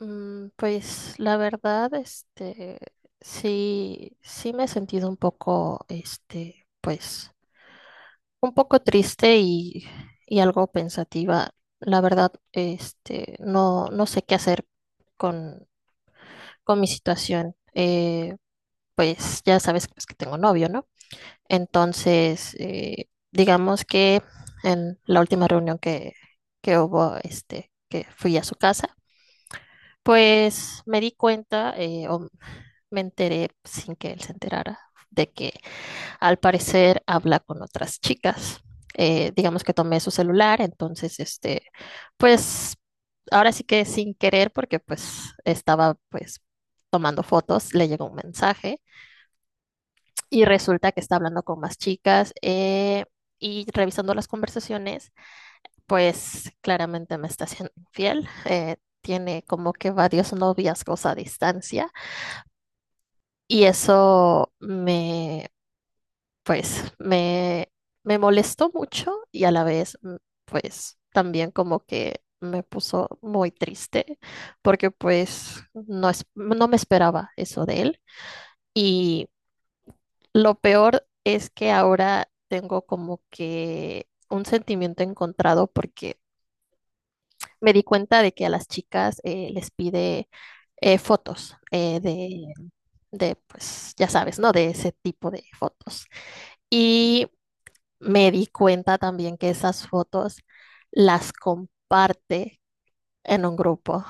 Pues la verdad, sí me he sentido un poco, pues, un poco triste y algo pensativa. La verdad, no sé qué hacer con, con mi situación. Pues ya sabes pues, que tengo novio, ¿no? Entonces, digamos que en la última reunión que hubo, que fui a su casa, pues me di cuenta o me enteré sin que él se enterara de que al parecer habla con otras chicas. Digamos que tomé su celular, entonces, pues ahora sí que sin querer, porque pues estaba pues tomando fotos, le llegó un mensaje y resulta que está hablando con más chicas y revisando las conversaciones, pues claramente me está siendo infiel. Tiene como que varios noviazgos a distancia y eso pues, me, me molestó mucho y a la vez, pues, también como que me puso muy triste porque pues no me esperaba eso de él y lo peor es que ahora tengo como que un sentimiento encontrado porque me di cuenta de que a las chicas les pide fotos de, pues ya sabes, ¿no? De ese tipo de fotos. Y me di cuenta también que esas fotos las comparte en un grupo.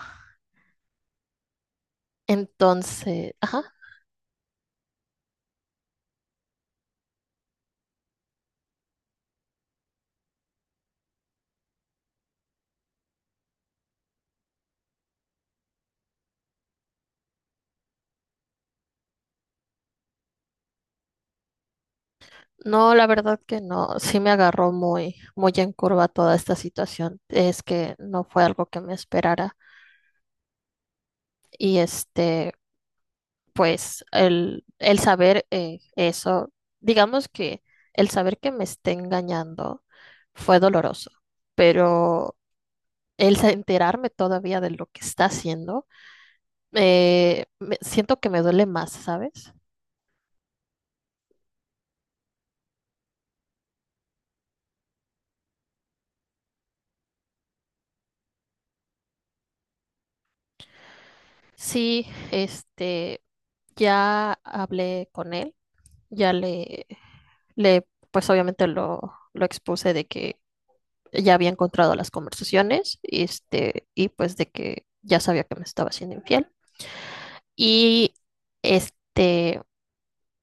Entonces, ajá. No, la verdad que no. Sí me agarró muy en curva toda esta situación. Es que no fue algo que me esperara. Y pues el saber eso, digamos que el saber que me esté engañando fue doloroso, pero enterarme todavía de lo que está haciendo, siento que me duele más, ¿sabes? Sí, ya hablé con él, ya le pues obviamente lo expuse de que ya había encontrado las conversaciones, y pues de que ya sabía que me estaba siendo infiel. Y este,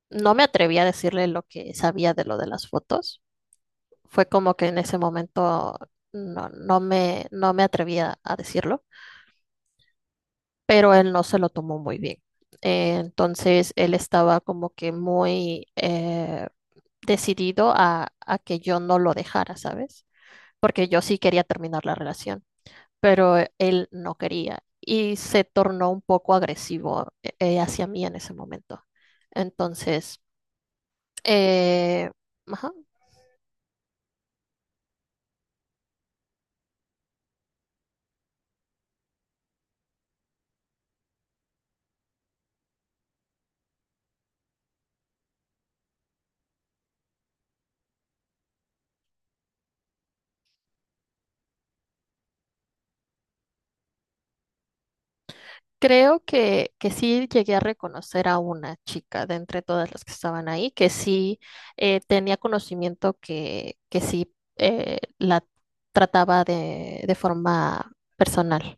no me atreví a decirle lo que sabía de lo de las fotos. Fue como que en ese momento no me atrevía a decirlo, pero él no se lo tomó muy bien. Entonces él estaba como que muy decidido a que yo no lo dejara, ¿sabes? Porque yo sí quería terminar la relación, pero él no quería y se tornó un poco agresivo hacia mí en ese momento. Entonces, eh, ajá, creo que sí llegué a reconocer a una chica de entre todas las que estaban ahí, que sí tenía conocimiento que sí la trataba de forma personal.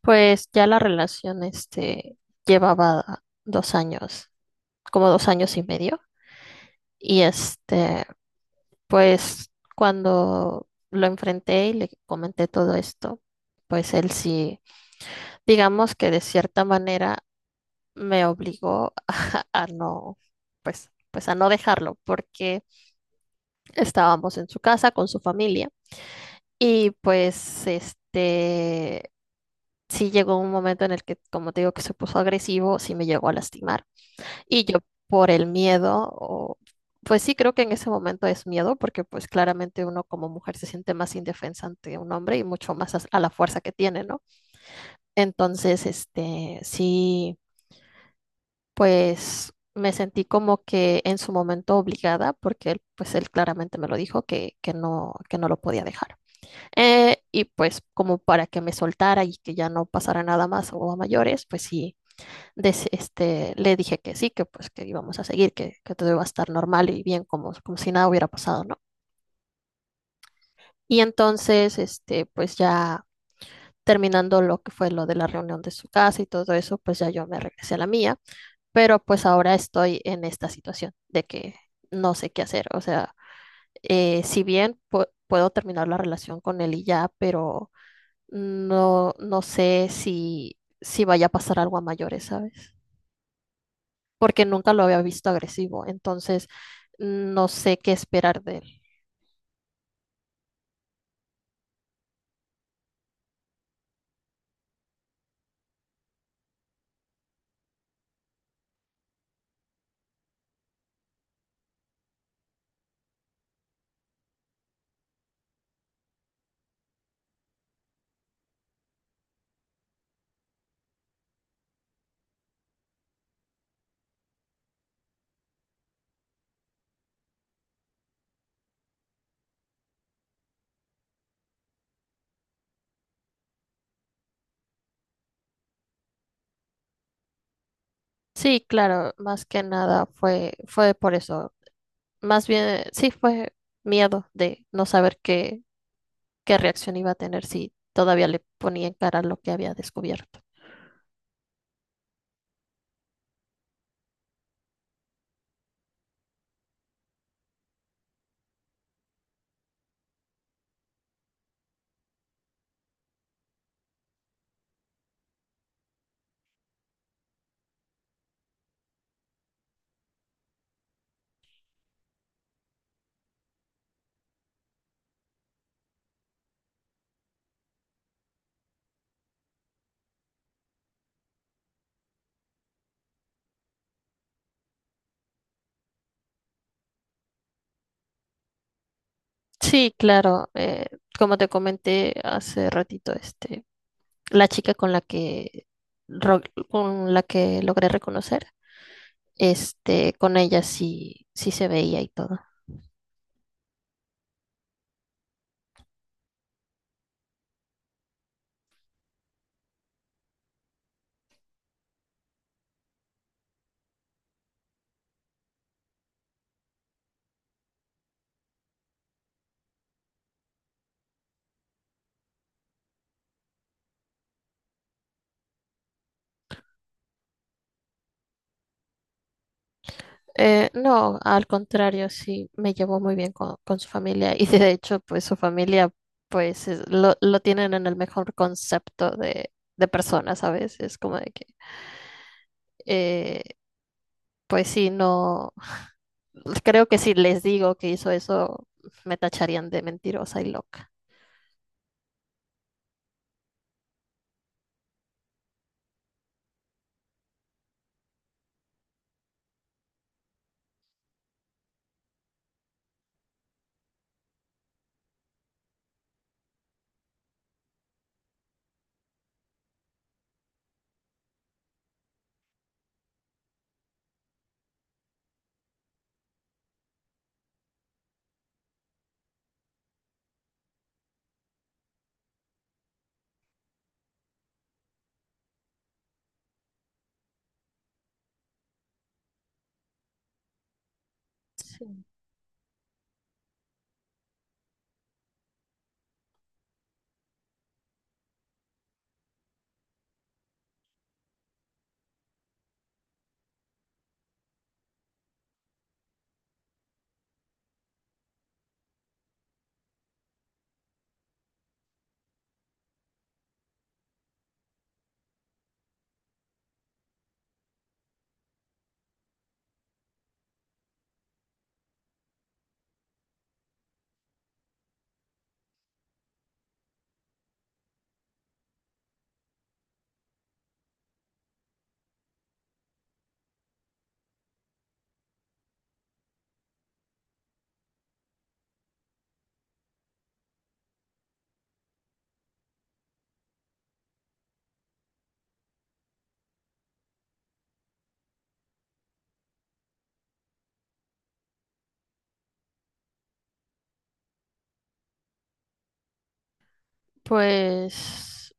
Pues ya la relación llevaba 2 años como 2 años y medio. Y pues cuando lo enfrenté y le comenté todo esto, pues él sí, digamos que de cierta manera me obligó a no, pues a no dejarlo, porque estábamos en su casa con su familia. Y pues sí llegó un momento en el que, como te digo, que se puso agresivo, sí me llegó a lastimar. Y yo por el miedo, pues sí creo que en ese momento es miedo, porque pues claramente uno como mujer se siente más indefensa ante un hombre y mucho más la fuerza que tiene, ¿no? Entonces, sí, pues me sentí como que en su momento obligada, porque él, pues él claramente me lo dijo que no lo podía dejar. Y pues como para que me soltara y que ya no pasara nada más o a mayores, pues sí le dije que sí, que pues que íbamos a seguir, que todo iba a estar normal y bien, como si nada hubiera pasado, ¿no? Y entonces, pues ya terminando lo que fue lo de la reunión de su casa y todo eso, pues ya yo me regresé a la mía, pero pues ahora estoy en esta situación de que no sé qué hacer, o sea, si bien puedo terminar la relación con él y ya, pero no sé si vaya a pasar algo a mayores, ¿sabes? Porque nunca lo había visto agresivo, entonces no sé qué esperar de él. Sí, claro, más que nada fue por eso. Más bien, sí, fue miedo de no saber qué reacción iba a tener si todavía le ponía en cara lo que había descubierto. Sí, claro. Como te comenté hace ratito, la chica con la que ro- con la que logré reconocer, con ella sí, sí se veía y todo. No, al contrario, sí me llevó muy bien con su familia y de hecho, pues su familia, pues lo tienen en el mejor concepto de persona, ¿sabes? Es como de que eh, pues sí, no, creo que si les digo que hizo eso, me tacharían de mentirosa y loca. Sí. Pues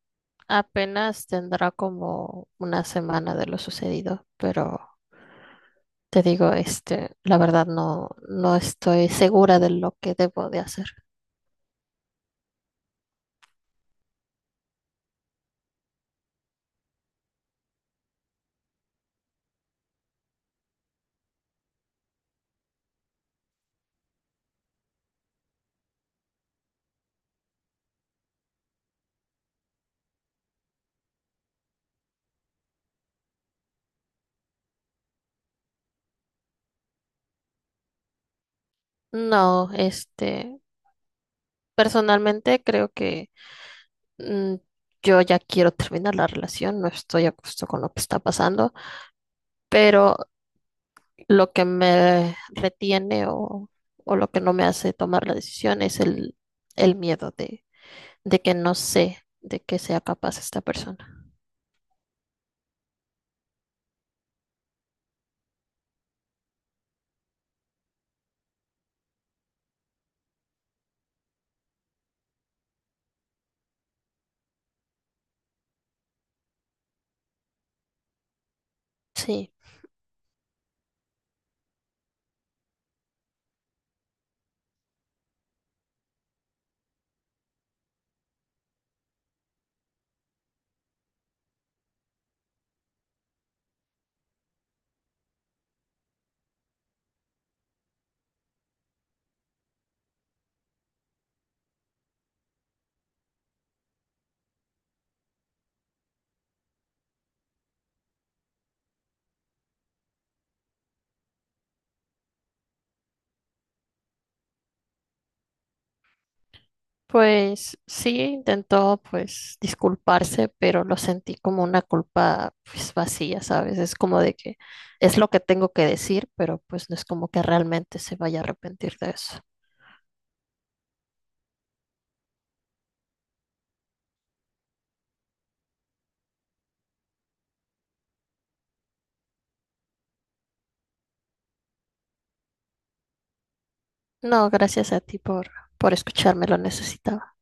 apenas tendrá como una semana de lo sucedido, pero te digo, la verdad no, no estoy segura de lo que debo de hacer. No, personalmente creo que mm, yo ya quiero terminar la relación, no estoy a gusto con lo que está pasando, pero lo que me retiene o lo que no me hace tomar la decisión es el miedo de que no sé de qué sea capaz esta persona. Sí, pues sí, intentó pues disculparse, pero lo sentí como una culpa pues vacía, ¿sabes? Es como de que es lo que tengo que decir, pero pues no es como que realmente se vaya a arrepentir de eso. No, gracias a ti por escucharme, lo necesitaba.